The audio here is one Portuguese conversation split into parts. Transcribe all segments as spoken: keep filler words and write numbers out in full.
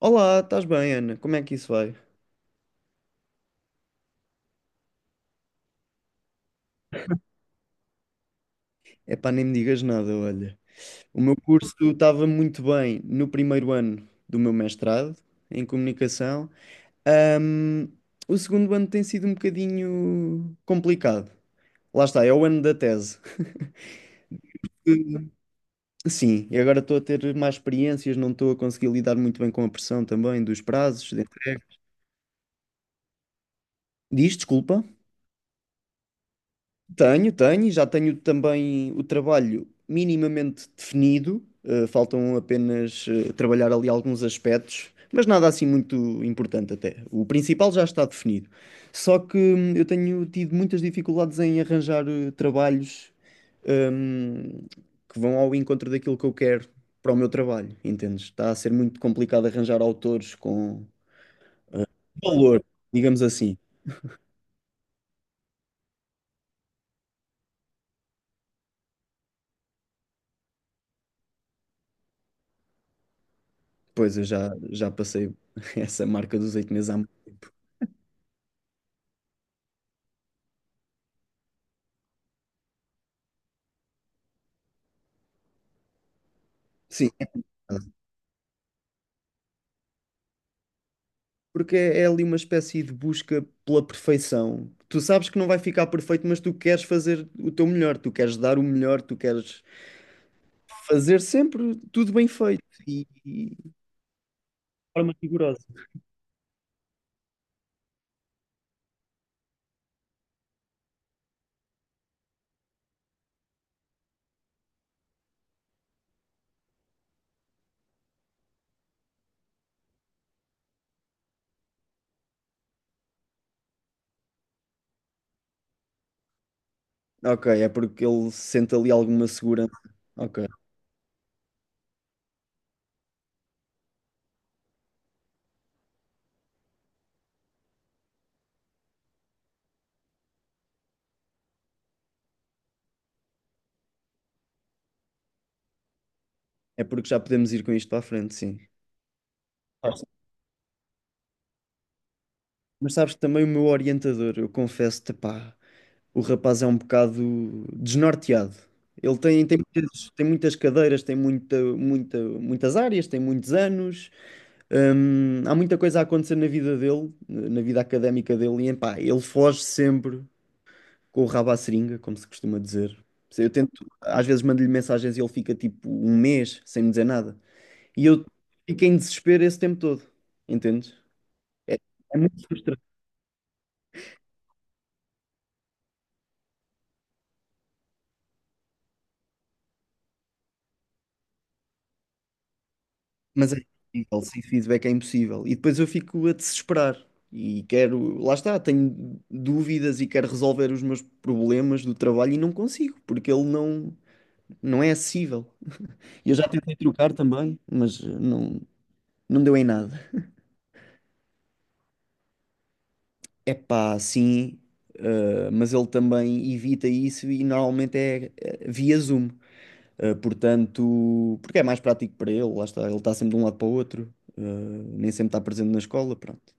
Olá, estás bem, Ana? Como é que isso vai? Epá, nem me digas nada, olha. O meu curso estava muito bem no primeiro ano do meu mestrado em comunicação. Ahm, o segundo ano tem sido um bocadinho complicado. Lá está, é o ano da tese. Sim, e agora estou a ter mais experiências, não estou a conseguir lidar muito bem com a pressão também dos prazos. Diz, desculpa. Tenho, tenho, já tenho também o trabalho minimamente definido. Eh, faltam apenas eh, trabalhar ali alguns aspectos, mas nada assim muito importante até. O principal já está definido. Só que hum, eu tenho tido muitas dificuldades em arranjar eh, trabalhos hum, que vão ao encontro daquilo que eu quero para o meu trabalho, entendes? Está a ser muito complicado arranjar autores com valor, digamos assim. Pois eu já, já passei essa marca dos oito meses há muito. Sim. é Porque é é ali uma espécie de busca pela perfeição. Tu sabes que não vai ficar perfeito, mas tu queres fazer o teu melhor, tu queres dar o melhor, tu queres fazer sempre tudo bem feito e, e de forma rigorosa. Ok, é porque ele sente ali alguma segurança. Ok, é porque já podemos ir com isto para a frente, sim. Ah, sim. Mas sabes, também o meu orientador, eu confesso-te, pá, o rapaz é um bocado desnorteado. Ele tem, tem, muitas, tem muitas cadeiras, tem muita, muita, muitas áreas, tem muitos anos. Hum, há muita coisa a acontecer na vida dele, na vida académica dele, e pá, ele foge sempre com o rabo à seringa, como se costuma dizer. Eu tento, às vezes mando-lhe mensagens e ele fica tipo um mês sem me dizer nada. E eu fico em desespero esse tempo todo, entendes? É muito frustrante, mas é impossível, sem feedback é impossível. E depois eu fico a desesperar e quero, lá está, tenho dúvidas e quero resolver os meus problemas do trabalho e não consigo, porque ele não, não é acessível. E eu já tentei trocar também, mas eh, não, não deu em nada. É pá, sim, eh, mas ele também evita isso e normalmente é, eh, via Zoom. Eh, portanto, porque é mais prático para ele, lá está, ele está sempre de um lado para o outro, eh, nem sempre está presente na escola, pronto.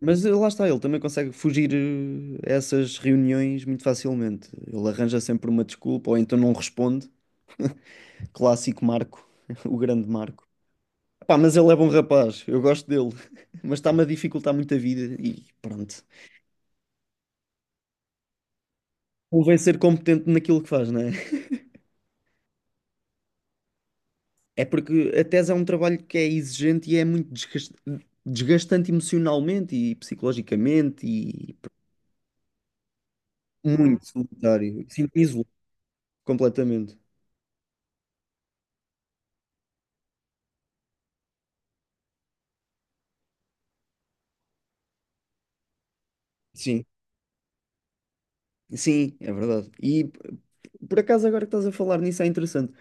Mas eh, lá está, ele também consegue fugir eh, a essas reuniões muito facilmente. Ele arranja sempre uma desculpa, ou então não responde. Clássico Marco, o grande Marco. Pá, mas ele é bom rapaz, eu gosto dele, mas está-me a dificultar muito a vida e pronto. Convém ser competente naquilo que faz, não é? É porque a tese é um trabalho que é exigente e é muito desgas- desgastante emocionalmente e psicologicamente e muito solitário. Sinto-me isolado completamente. Sim, sim, é verdade. E p- por acaso agora que estás a falar nisso é interessante.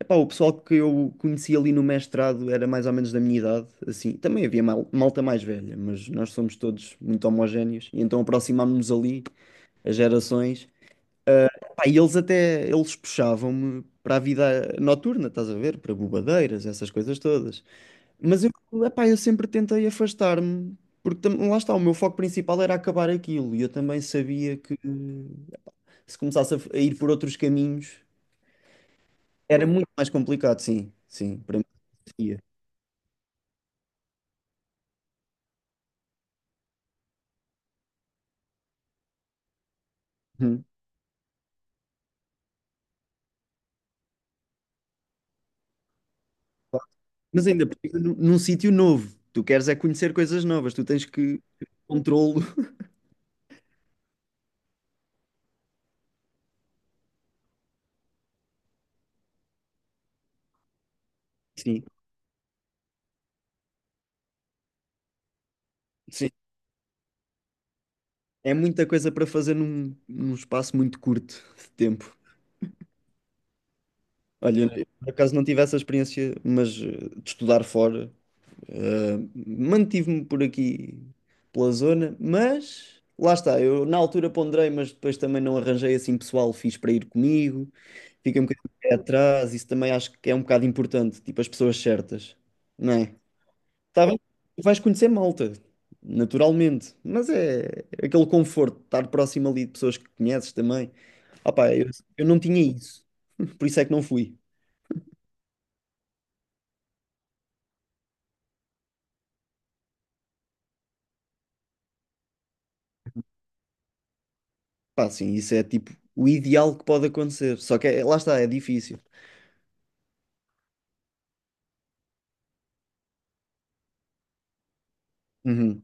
Epá, o pessoal que eu conheci ali no mestrado era mais ou menos da minha idade, assim, também havia mal- malta mais velha, mas nós somos todos muito homogéneos, e então aproximámos-nos ali as gerações. Epá, e eles até, eles puxavam-me para a vida noturna, estás a ver? Para bobadeiras, essas coisas todas. Mas eu, epá, eu sempre tentei afastar-me, porque tam- lá está, o meu foco principal era acabar aquilo, e eu também sabia que se começasse a, f- a ir por outros caminhos, era muito mais complicado, sim, sim, para mim. Seria. Uhum. Mas ainda por cima, num, num sítio novo. Tu queres é conhecer coisas novas, tu tens que controlo. Sim, sim. É muita coisa para fazer num, num espaço muito curto de tempo. Olha, eu, por acaso não tive essa experiência, mas eh, de estudar fora, eh, mantive-me por aqui pela zona, mas lá está, eu na altura ponderei, mas depois também não arranjei assim pessoal fixe para ir comigo, fiquei um bocadinho de pé atrás, isso também acho que é um bocado importante, tipo as pessoas certas, não é? Tá bem? Vais conhecer malta, naturalmente. Mas é aquele conforto de estar próximo ali de pessoas que conheces também. Ah, pá, eu, eu não tinha isso. Por isso é que não fui. Pá, sim, isso é tipo o ideal que pode acontecer. Só que é- lá está, é difícil. Uhum.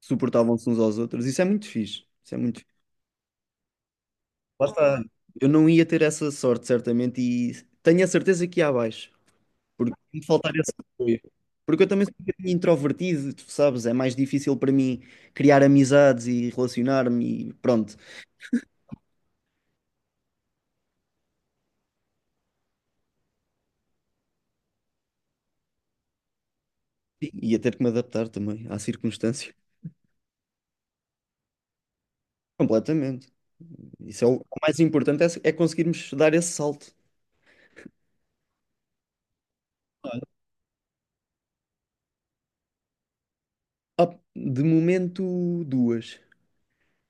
Suportavam-se uns aos outros. Isso é muito fixe. Isso é muito fixe. Lá está. Eu não ia ter essa sorte, certamente, e tenho a certeza que ia abaixo. Porque tem de faltar esse apoio. Porque eu também sou um bocadinho introvertido, tu sabes, é mais difícil para mim criar amizades e relacionar-me e pronto. E ia ter que me adaptar também à circunstância. Completamente. Isso é o, é o mais importante é, é conseguirmos dar esse salto. Ah, de momento, duas.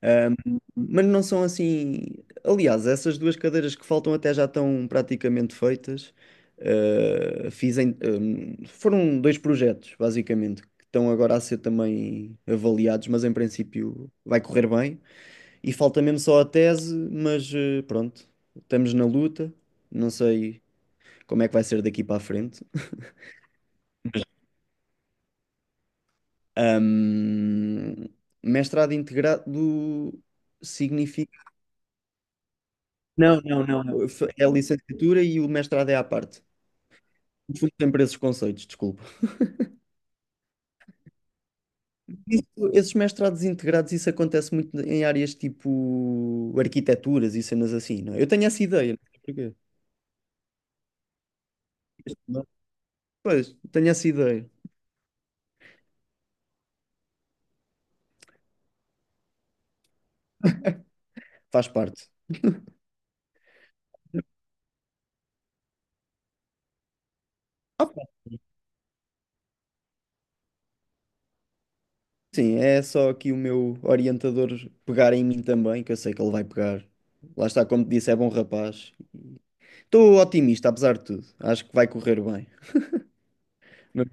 Um, Mas não são assim. Aliás, essas duas cadeiras que faltam até já estão praticamente feitas. Uh, fiz em- um, foram dois projetos, basicamente, que estão agora a ser também avaliados, mas em princípio vai correr bem. E falta mesmo só a tese, mas uh, pronto, estamos na luta. Não sei como é que vai ser daqui para a frente. Um, Mestrado integrado significa é a licenciatura e o mestrado é à parte. Confundo sempre esses conceitos, desculpa. Isso- esses mestrados integrados, isso acontece muito em áreas tipo arquiteturas e cenas assim, não é? Eu tenho essa ideia, não sei porquê. Não. Pois, tenho essa ideia. Faz parte. Ah, pá, sim, é só aqui o meu orientador pegar em mim também, que eu sei que ele vai pegar. Lá está, como te disse, é bom rapaz. Estou otimista, apesar de tudo. Acho que vai correr bem. Mas,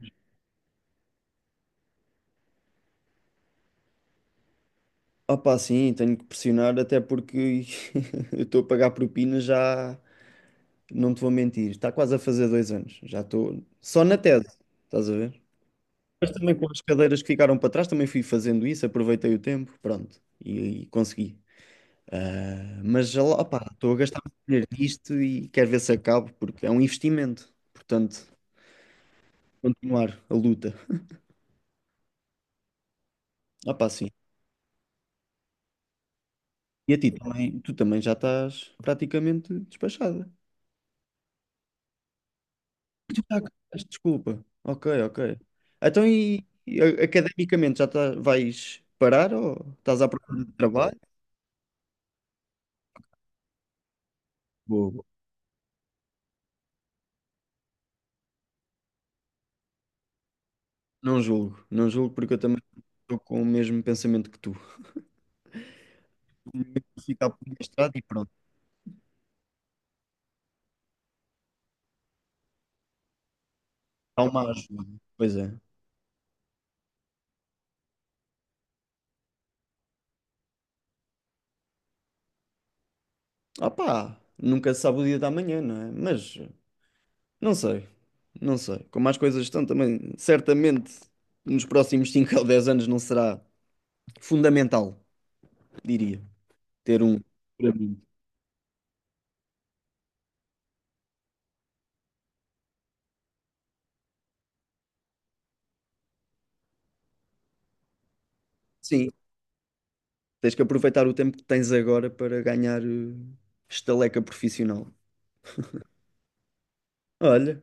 opá, sim, tenho que pressionar, até porque eu estou a pagar propinas já. Não te vou mentir, está quase a fazer dois anos. Já estou só na tese, estás a ver? Mas também com as cadeiras que ficaram para trás, também fui fazendo isso, aproveitei o tempo, pronto, e, e consegui. Ah, mas já lá, opá, estou a gastar muito dinheiro nisto e quero ver se acabo, porque é um investimento. Portanto, continuar a luta. Ah, pá, sim. E a ti também, tu também já estás praticamente despachada. Tu já acabaste, desculpa. Ok, ok. Então, e, e a- academicamente já tá- vais parar ou estás à procura de trabalho? Boa, boa. Não julgo, não julgo porque eu também estou com o mesmo pensamento que tu. Ficar por mestrado e pronto, há uma ajuda. Pois é. Opá, nunca se sabe o dia da manhã, não é? Mas não sei, não sei. Como as coisas estão também, certamente nos próximos cinco ou dez anos não será fundamental, diria, ter um. Para mim. Sim, tens que aproveitar o tempo que tens agora para ganhar eh, estaleca profissional. Olha,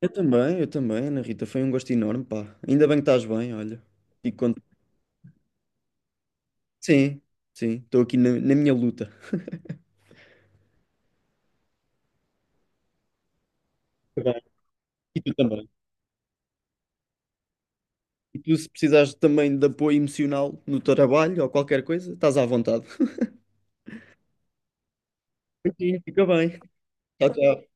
eu também, eu também, Ana Rita, foi um gosto enorme, pá. Ainda bem que estás bem, olha. Fico contente. Sim, sim, estou aqui na, na minha luta. Tá bem. E tu também. E tu, se precisares também de apoio emocional no teu trabalho ou qualquer coisa, estás à vontade. Beijinho, fica bem. Tchau, tchau.